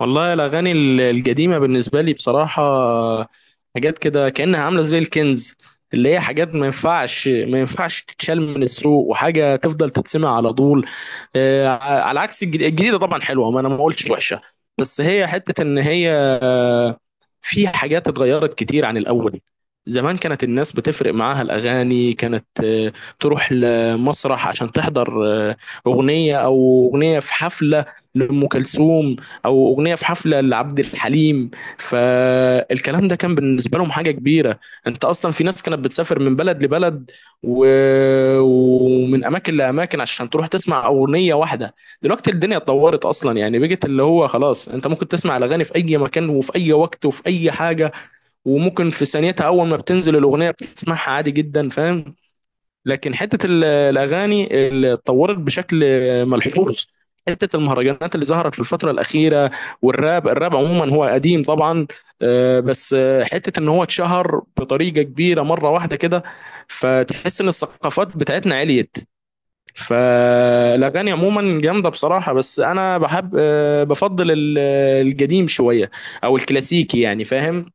والله الأغاني القديمة بالنسبة لي بصراحة، حاجات كده كأنها عاملة زي الكنز، اللي هي حاجات ما ينفعش ما ينفعش تتشال من السوق وحاجة تفضل تتسمع على طول. آه، على عكس الجديدة طبعا حلوة، ما أنا ما قلتش وحشة، بس هي حتة إن هي في حاجات اتغيرت كتير عن الأول. زمان كانت الناس بتفرق معاها الأغاني، كانت تروح لمسرح عشان تحضر أغنية، أو أغنية في حفلة لأم كلثوم، أو أغنية في حفلة لعبد الحليم. فالكلام ده كان بالنسبة لهم حاجة كبيرة. أنت أصلا في ناس كانت بتسافر من بلد لبلد و... ومن أماكن لأماكن عشان تروح تسمع أغنية واحدة. دلوقتي الدنيا اتطورت اصلا، يعني بقت اللي هو خلاص انت ممكن تسمع الاغاني في اي مكان وفي اي وقت وفي اي حاجه، وممكن في ثانيتها اول ما بتنزل الاغنيه بتسمعها عادي جدا، فاهم؟ لكن حته الاغاني اللي اتطورت بشكل ملحوظ، حته المهرجانات اللي ظهرت في الفتره الاخيره، والراب. الراب عموما هو قديم طبعا، آه، بس آه، حته ان هو اتشهر بطريقه كبيره مره واحده كده. فتحس ان الثقافات بتاعتنا عليت، فالاغاني عموما جامده بصراحه. بس انا بحب، بفضل القديم شويه، او الكلاسيكي يعني، فاهم؟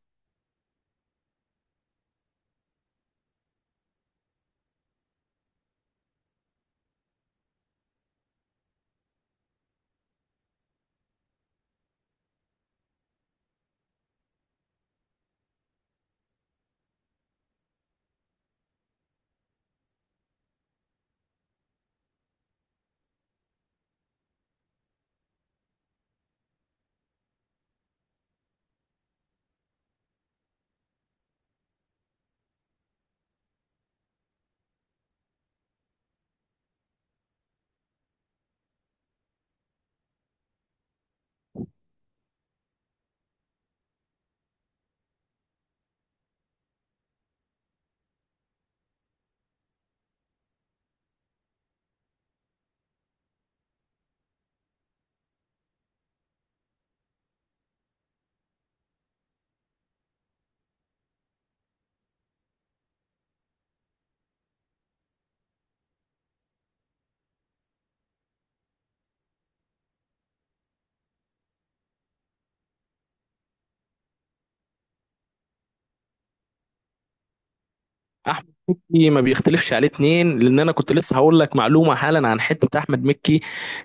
احمد مكي ما بيختلفش عليه اتنين، لان انا كنت لسه هقول لك معلومه حالا عن حته احمد مكي.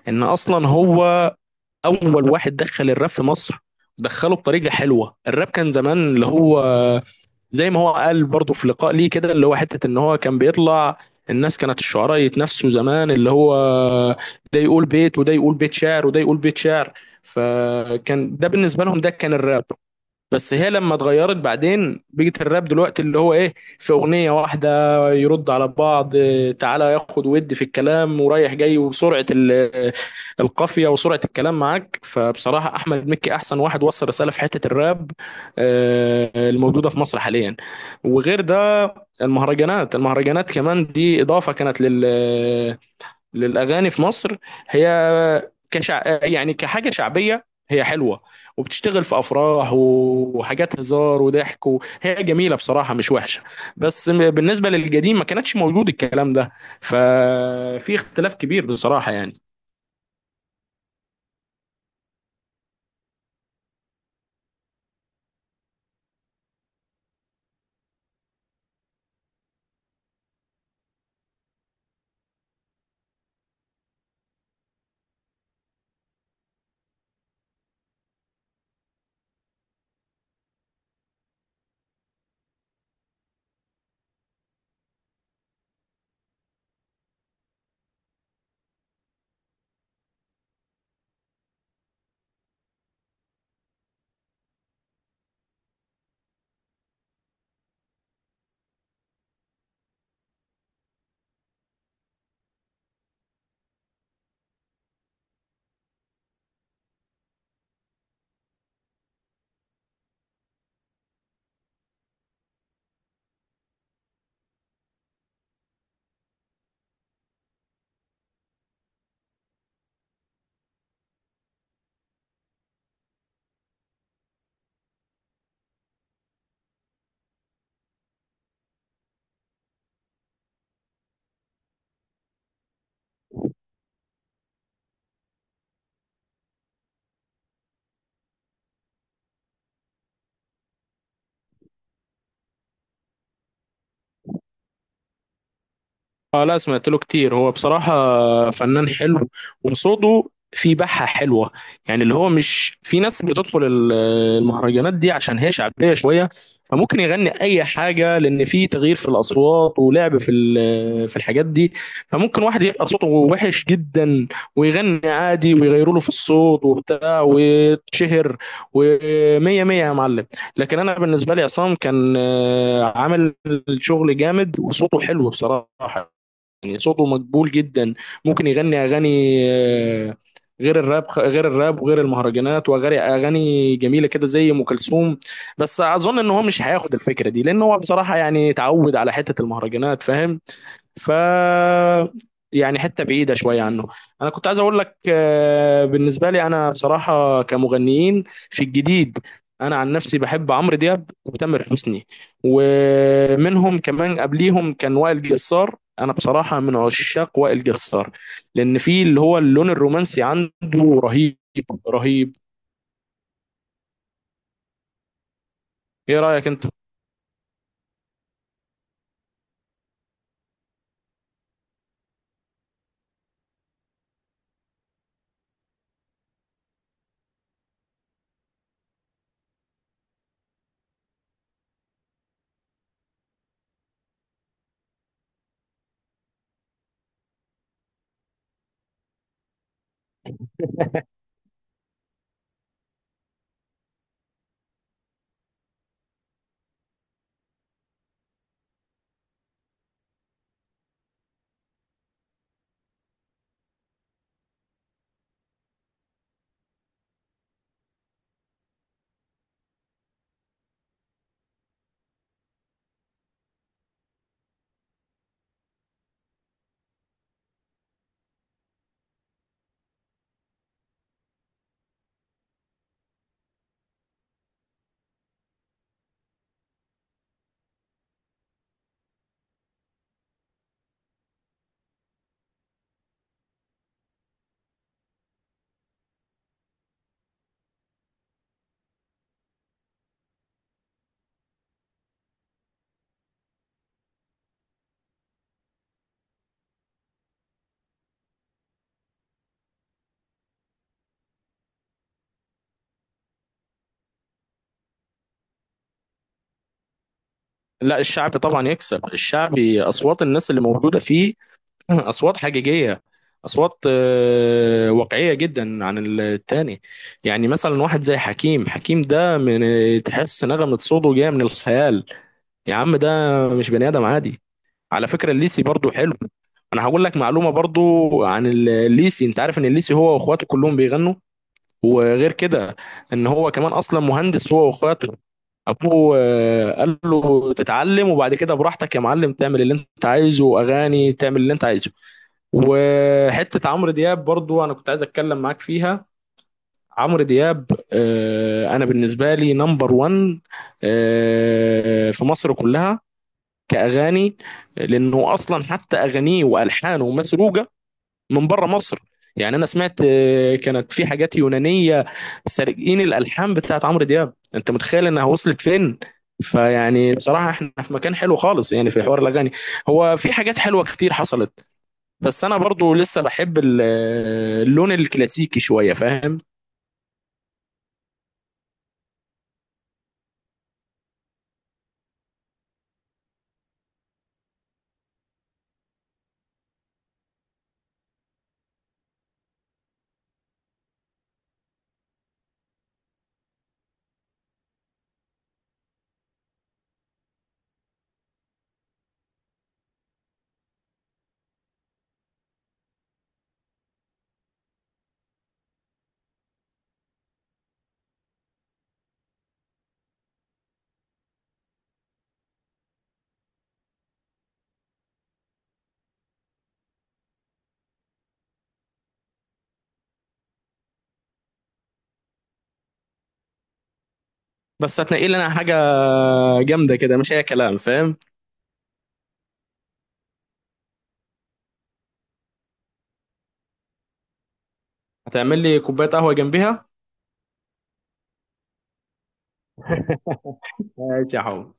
ان اصلا هو اول واحد دخل الراب في مصر، دخله بطريقه حلوه. الراب كان زمان اللي هو، زي ما هو قال برضه في لقاء ليه كده، اللي هو حته ان هو كان بيطلع. الناس كانت الشعراء يتنافسوا زمان، اللي هو ده يقول بيت، وده يقول بيت شعر، وده يقول بيت شعر، فكان ده بالنسبه لهم، ده كان الراب. بس هي لما اتغيرت بعدين بقت الراب دلوقتي اللي هو ايه، في اغنيه واحده يرد على بعض، آه، تعالى ياخد ود في الكلام ورايح جاي وسرعه القافيه وسرعه الكلام معاك. فبصراحه احمد مكي احسن واحد وصل رساله في حته الراب، آه، الموجوده في مصر حاليا. وغير ده، المهرجانات كمان دي اضافه كانت للاغاني في مصر. هي كشع... يعني كحاجه شعبيه، هي حلوه وبتشتغل في افراح وحاجات هزار وضحك، وهي جميله بصراحه، مش وحشه. بس بالنسبه للقديم ما كانتش موجود الكلام ده، ففي اختلاف كبير بصراحه يعني. اه لا، سمعت له كتير، هو بصراحة فنان حلو وصوته في بحة حلوة. يعني اللي هو مش في ناس بتدخل المهرجانات دي عشان هي شعبية شوية، فممكن يغني أي حاجة، لأن في تغيير في الأصوات ولعب في في الحاجات دي. فممكن واحد يبقى صوته وحش جدا ويغني عادي ويغيروا له في الصوت وبتاع ويتشهر ومية مية يا معلم. لكن أنا بالنسبة لي عصام كان آه، عامل شغل جامد وصوته حلو بصراحة، يعني صوته مقبول جدا. ممكن يغني اغاني، آه، غير الراب، غير الراب وغير المهرجانات، واغاني، اغاني جميله كده زي ام كلثوم. بس اظن ان هو مش هياخد الفكره دي، لان هو بصراحه يعني اتعود على حته المهرجانات، فاهم؟ ف يعني حته بعيده شويه عنه. انا كنت عايز اقول لك آه، بالنسبه لي انا بصراحه كمغنيين في الجديد، انا عن نفسي بحب عمرو دياب وتامر حسني، ومنهم كمان قبليهم كان وائل جسار. انا بصراحه من عشاق وائل جسار، لان في اللي هو اللون الرومانسي عنده رهيب، رهيب. ايه رايك انت؟ لا، الشعبي طبعا يكسب. الشعبي اصوات الناس اللي موجوده فيه، اصوات حقيقيه، اصوات آه، واقعيه جدا عن التاني. يعني مثلا واحد زي حكيم، حكيم ده من، تحس نغمه صوته جايه من الخيال. يا عم ده مش بني ادم عادي. على فكره الليسي برضو حلو، انا هقول لك معلومه برضو عن الليسي. انت عارف ان الليسي هو واخواته كلهم بيغنوا؟ وغير كده، ان هو كمان اصلا مهندس هو واخواته. ابوه آه، قال له تتعلم وبعد كده براحتك يا معلم، تعمل اللي انت عايزه، واغاني تعمل اللي انت عايزه. وحته عمرو دياب برضو انا كنت عايز اتكلم معاك فيها. عمرو دياب آه، انا بالنسبه لي نمبر 1 في مصر كلها كاغاني، لانه اصلا حتى اغانيه والحانه مسروقه من بره مصر. يعني انا سمعت آه، كانت في حاجات يونانيه سارقين الالحان بتاعت عمرو دياب، انت متخيل انها وصلت فين؟ فيعني بصراحه احنا في مكان حلو خالص يعني في حوار الاغاني، هو في حاجات حلوه كتير حصلت. بس انا برضو لسه بحب اللون الكلاسيكي شويه، فاهم؟ بس هتنقي لي انا حاجه جامده كده، مش اي كلام، فاهم؟ هتعمل لي كوبايه قهوه جنبيها؟ ماشي يا حب.